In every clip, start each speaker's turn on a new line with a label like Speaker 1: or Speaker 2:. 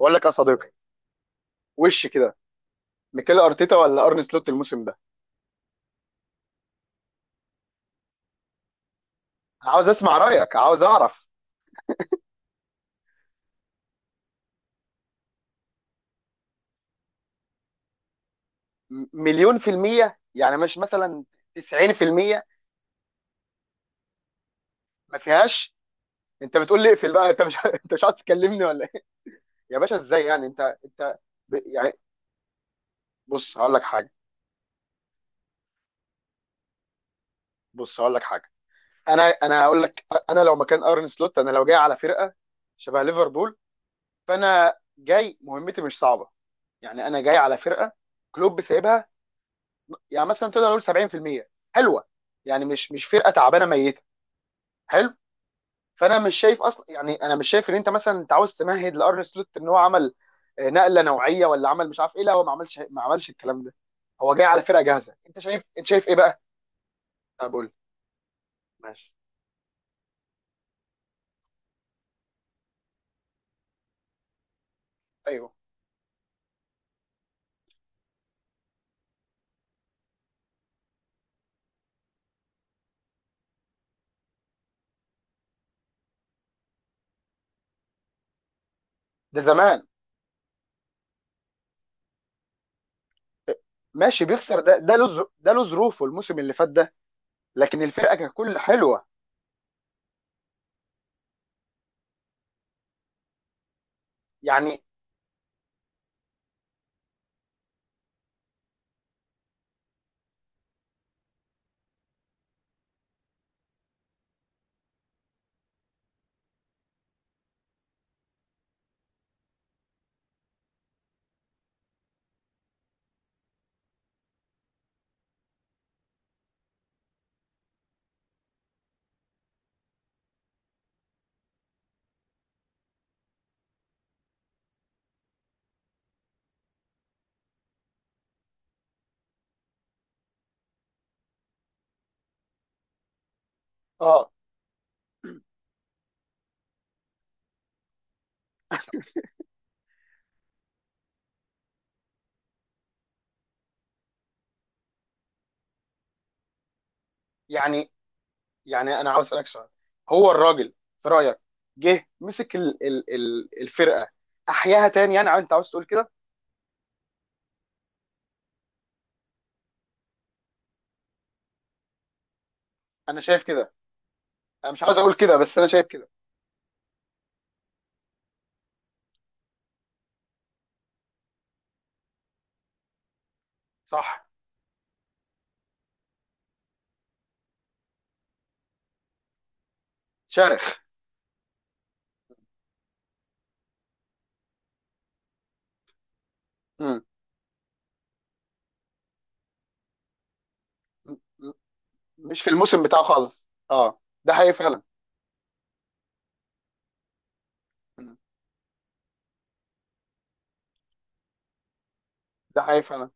Speaker 1: بقول لك يا صديقي، وش كده؟ ميكيل ارتيتا ولا ارن سلوت الموسم ده؟ عاوز اسمع رايك، عاوز اعرف. مليون في المية، يعني مش مثلا 90%؟ ما فيهاش. انت بتقول لي اقفل بقى، انت مش انت مش عايز تكلمني ولا ايه؟ يا باشا ازاي؟ يعني انت يعني، بص هقول لك حاجه بص هقول لك حاجه. انا هقول لك، انا لو مكان ارن سلوت انا لو جاي على فرقه شبه ليفربول، فانا جاي مهمتي مش صعبه. يعني انا جاي على فرقه كلوب سايبها، يعني مثلا تقدر نقول 70%، حلوه. يعني مش فرقه تعبانه ميته، حلو. فانا مش شايف اصلا، يعني انا مش شايف ان انت مثلا انت عاوز تمهد لارن سلوت ان هو عمل نقله نوعيه، ولا عمل مش عارف ايه. لا هو ما عملش ما عملش الكلام ده، هو جاي على فرقه جاهزه. انت شايف ايه بقى؟ انا بقول ماشي. ايوه، ده زمان. ماشي بيخسر، ده له ظروفه، الموسم اللي فات ده. لكن الفرقه ككل حلوه. يعني اه يعني يعني انا عاوز اسالك سؤال. هو الراجل، في رايك، جه مسك ال ال ال الفرقه، احياها تاني؟ يعني انت عاوز تقول كده. انا شايف كده. انا مش عاوز اقول كده، بس انا شايف كده. صح. شرخ. مم. م- م- مش في الموسم بتاعه خالص، اه. ده حقيقي فعلا. مم. ده حقيقي فعلا.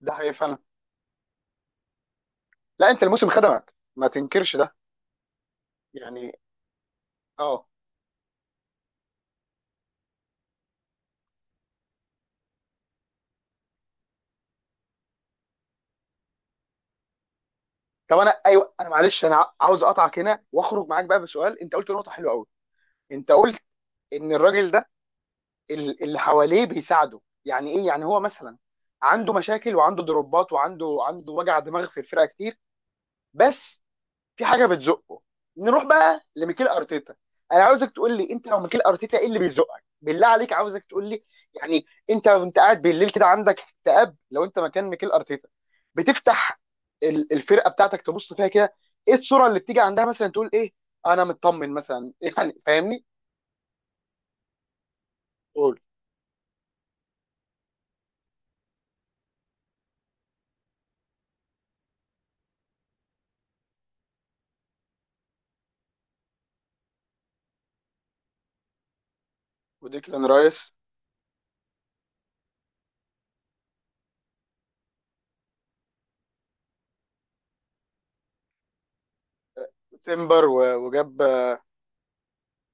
Speaker 1: ده حقيقي فعلا. لا، انت الموسم خدمك، ما تنكرش ده. يعني اه. طب انا، ايوه، انا معلش، انا عاوز اقطعك هنا واخرج معاك بقى بسؤال. انت قلت نقطه حلوه قوي، انت قلت ان الراجل ده، اللي حواليه بيساعده. يعني ايه؟ يعني هو مثلا عنده مشاكل، وعنده ضربات، وعنده عنده وجع دماغ في الفرقه كتير، بس في حاجه بتزقه. نروح بقى لميكيل ارتيتا. انا عاوزك تقول لي، انت لو ميكيل ارتيتا، ايه اللي بيزقك بالله عليك؟ عاوزك تقول لي. يعني انت وانت قاعد بالليل كده عندك اكتئاب، لو انت مكان ميكيل ارتيتا، بتفتح الفرقه بتاعتك، تبص فيها كده، ايه الصوره اللي بتيجي عندها؟ مثلا تقول ايه، انا مطمن مثلا يعني، فاهمني. قول. وديكلان رايس، وتمبر وجاب،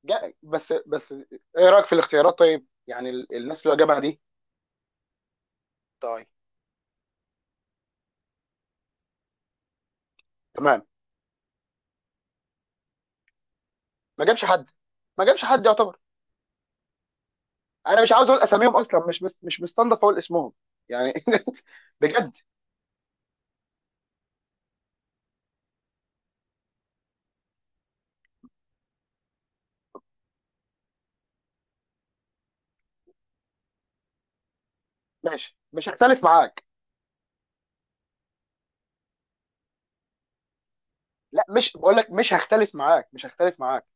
Speaker 1: جا بس بس. ايه رايك في الاختيارات طيب؟ يعني الناس اللي جابها دي. طيب. تمام. ما جابش حد، ما جابش حد يعتبر. انا مش عاوز اقول اساميهم اصلا، مش مستنضف اقول اسمهم. يعني بجد. ماشي، مش هختلف معاك. لا، مش بقول لك، مش هختلف معاك، مش هختلف معاك.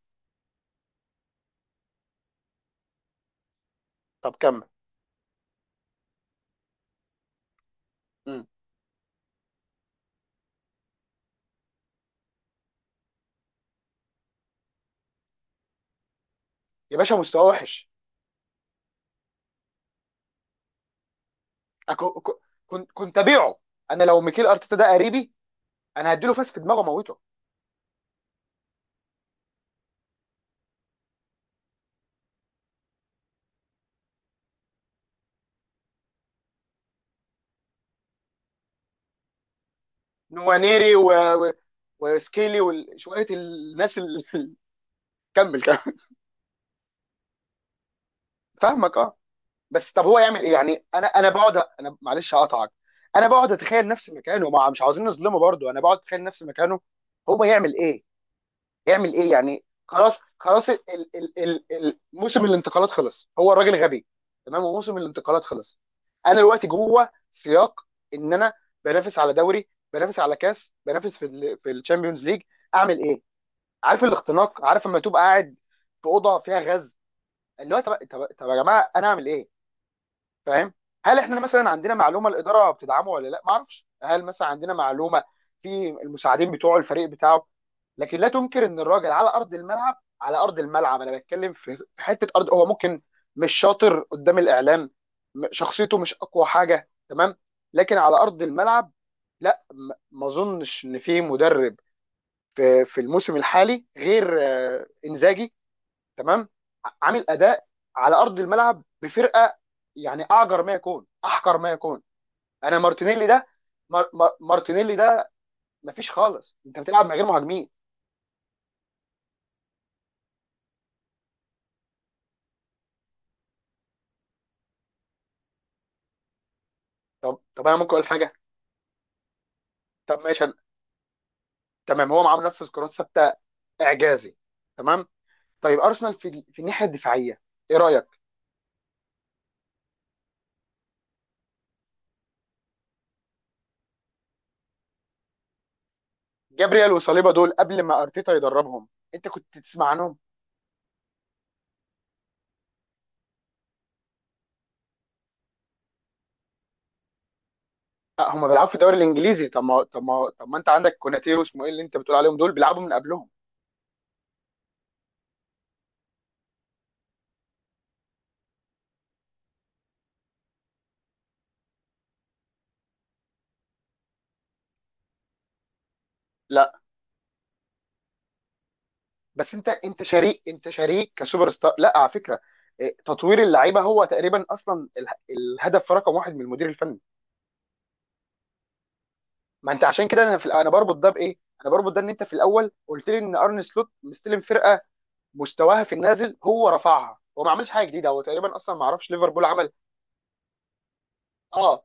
Speaker 1: طب كمل. مم. يا باشا، مستواه وحش. أكو- كو- كنت ابيعه. انا لو ميكيل ارتيتا ده قريبي، انا هديله فاس في دماغه موته. نوانيري وسكيلي وشويه الناس اللي كمل كمل. فاهمك، اه. بس طب هو يعمل ايه؟ يعني انا بقعد، انا معلش هقطعك، انا بقعد اتخيل نفسي مكانه. ما مش عاوزين نظلمه برضه. انا بقعد اتخيل نفسي مكانه، هو يعمل ايه؟ يعمل ايه يعني؟ خلاص خلاص، ال ال ال ال موسم الانتقالات خلص. هو الراجل غبي؟ تمام، وموسم الانتقالات خلص. انا دلوقتي جوه سياق ان انا بنافس على دوري، بنافس على كاس، بنافس في الشامبيونز ليج. اعمل ايه؟ عارف الاختناق، عارف لما تبقى قاعد في اوضه فيها غاز، اللي هو طب طب طب يا جماعه انا اعمل ايه؟ فاهم. هل احنا مثلا عندنا معلومه الاداره بتدعمه ولا لا؟ ما اعرفش. هل مثلا عندنا معلومه في المساعدين بتوعه، الفريق بتاعه؟ لكن لا تنكر ان الراجل على ارض الملعب، على ارض الملعب، انا بتكلم في حته ارض. هو ممكن مش شاطر قدام الاعلام، شخصيته مش اقوى حاجه، تمام، لكن على ارض الملعب، لا، ما اظنش ان في مدرب في الموسم الحالي غير انزاجي، تمام، عامل اداء على ارض الملعب بفرقه يعني اعجر ما يكون، احقر ما يكون. انا مارتينيلي ده، مارتينيلي ده، مفيش خالص، انت بتلعب من غير مهاجمين. طب طب، انا ممكن اقول حاجه؟ طب ماشي، تمام. هو معاه منفذ كرات ثابته، اعجازي، تمام. طيب ارسنال في في الناحيه الدفاعيه، ايه رايك؟ جابرييل وصليبا دول قبل ما ارتيتا يدربهم، انت كنت تسمع عنهم؟ أه هم بيلعبوا في الدوري الانجليزي. طب ما طب ما طب ما انت عندك كوناتير واسمه ايه اللي انت بتقول عليهم، دول بيلعبوا من قبلهم. لا، بس انت شريك، انت شريك كسوبر ستار. لا، على فكره، إيه، تطوير اللعيبه هو تقريبا اصلا الهدف رقم واحد من المدير الفني. ما انت عشان كده، انا بربط ده بايه؟ انا بربط ده ان انت في الاول قلت لي ان ارن سلوت مستلم فرقه مستواها في النازل، هو رفعها، هو ما عملش حاجه جديده، هو تقريبا اصلا ما اعرفش ليفربول عمل. اه،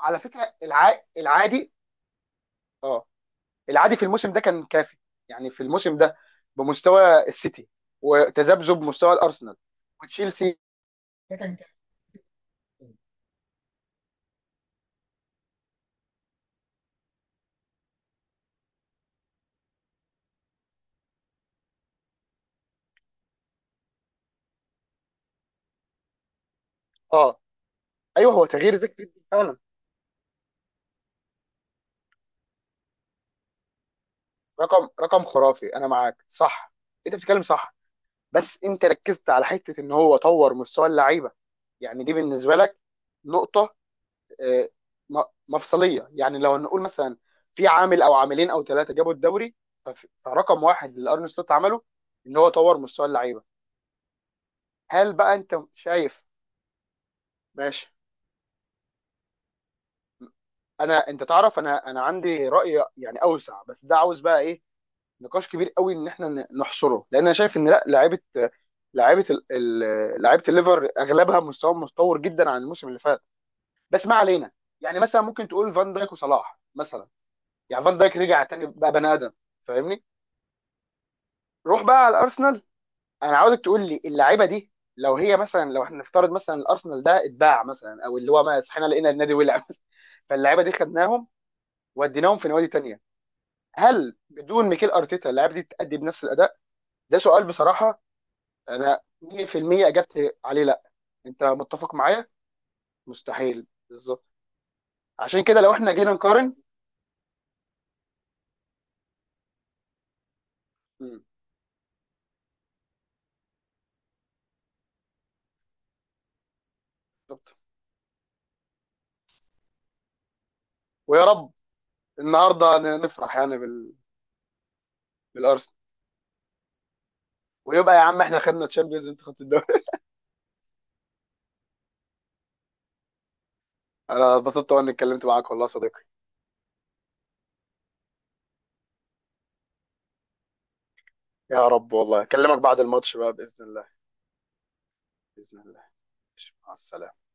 Speaker 1: على فكره، العادي. اه، العادي في الموسم ده كان كافي، يعني في الموسم ده بمستوى السيتي وتذبذب مستوى الارسنال وتشيلسي. اه. ايوه، هو تغيير زيك جدا فعلا. رقم رقم خرافي، انا معاك، صح، انت بتتكلم صح. بس انت ركزت على حته ان هو طور مستوى اللعيبه. يعني دي بالنسبه لك نقطه آه، م- مفصليه، يعني. لو نقول مثلا في عامل او عاملين او ثلاثه جابوا الدوري، فرقم واحد اللي ارن سلوت عمله ان هو طور مستوى اللعيبه. هل بقى انت شايف؟ ماشي. انت تعرف، انا عندي راي يعني اوسع، بس ده عاوز بقى ايه، نقاش كبير قوي ان احنا نحصره، لان انا شايف ان، لا، لعيبه الليفر اغلبها مستواهم متطور جدا عن الموسم اللي فات، بس ما علينا. يعني مثلا ممكن تقول فان دايك وصلاح مثلا، يعني فان دايك رجع تاني بقى بني ادم. فاهمني. روح بقى على الارسنال. انا عاوزك تقول لي اللعيبه دي، لو هي مثلا، لو احنا نفترض مثلا الارسنال ده اتباع مثلا، او اللي هو ما صحينا لقينا النادي ولع فاللعيبه دي خدناهم وديناهم في نوادي تانيه، هل بدون ميكيل ارتيتا اللعيبه دي تأدي بنفس الاداء؟ ده سؤال بصراحه، انا 100% اجبت عليه، لا. انت متفق معايا؟ مستحيل. بالظبط. عشان كده لو احنا جينا نقارن. مم. بالظبط. ويا رب النهارده نفرح يعني بالارسنال، ويبقى يا عم احنا خدنا تشامبيونز، انت خدت الدوري. انا اتبسطت وانا اتكلمت معاك والله يا صديقي. يا رب، والله اكلمك بعد الماتش بقى باذن الله. باذن الله. مع السلامه.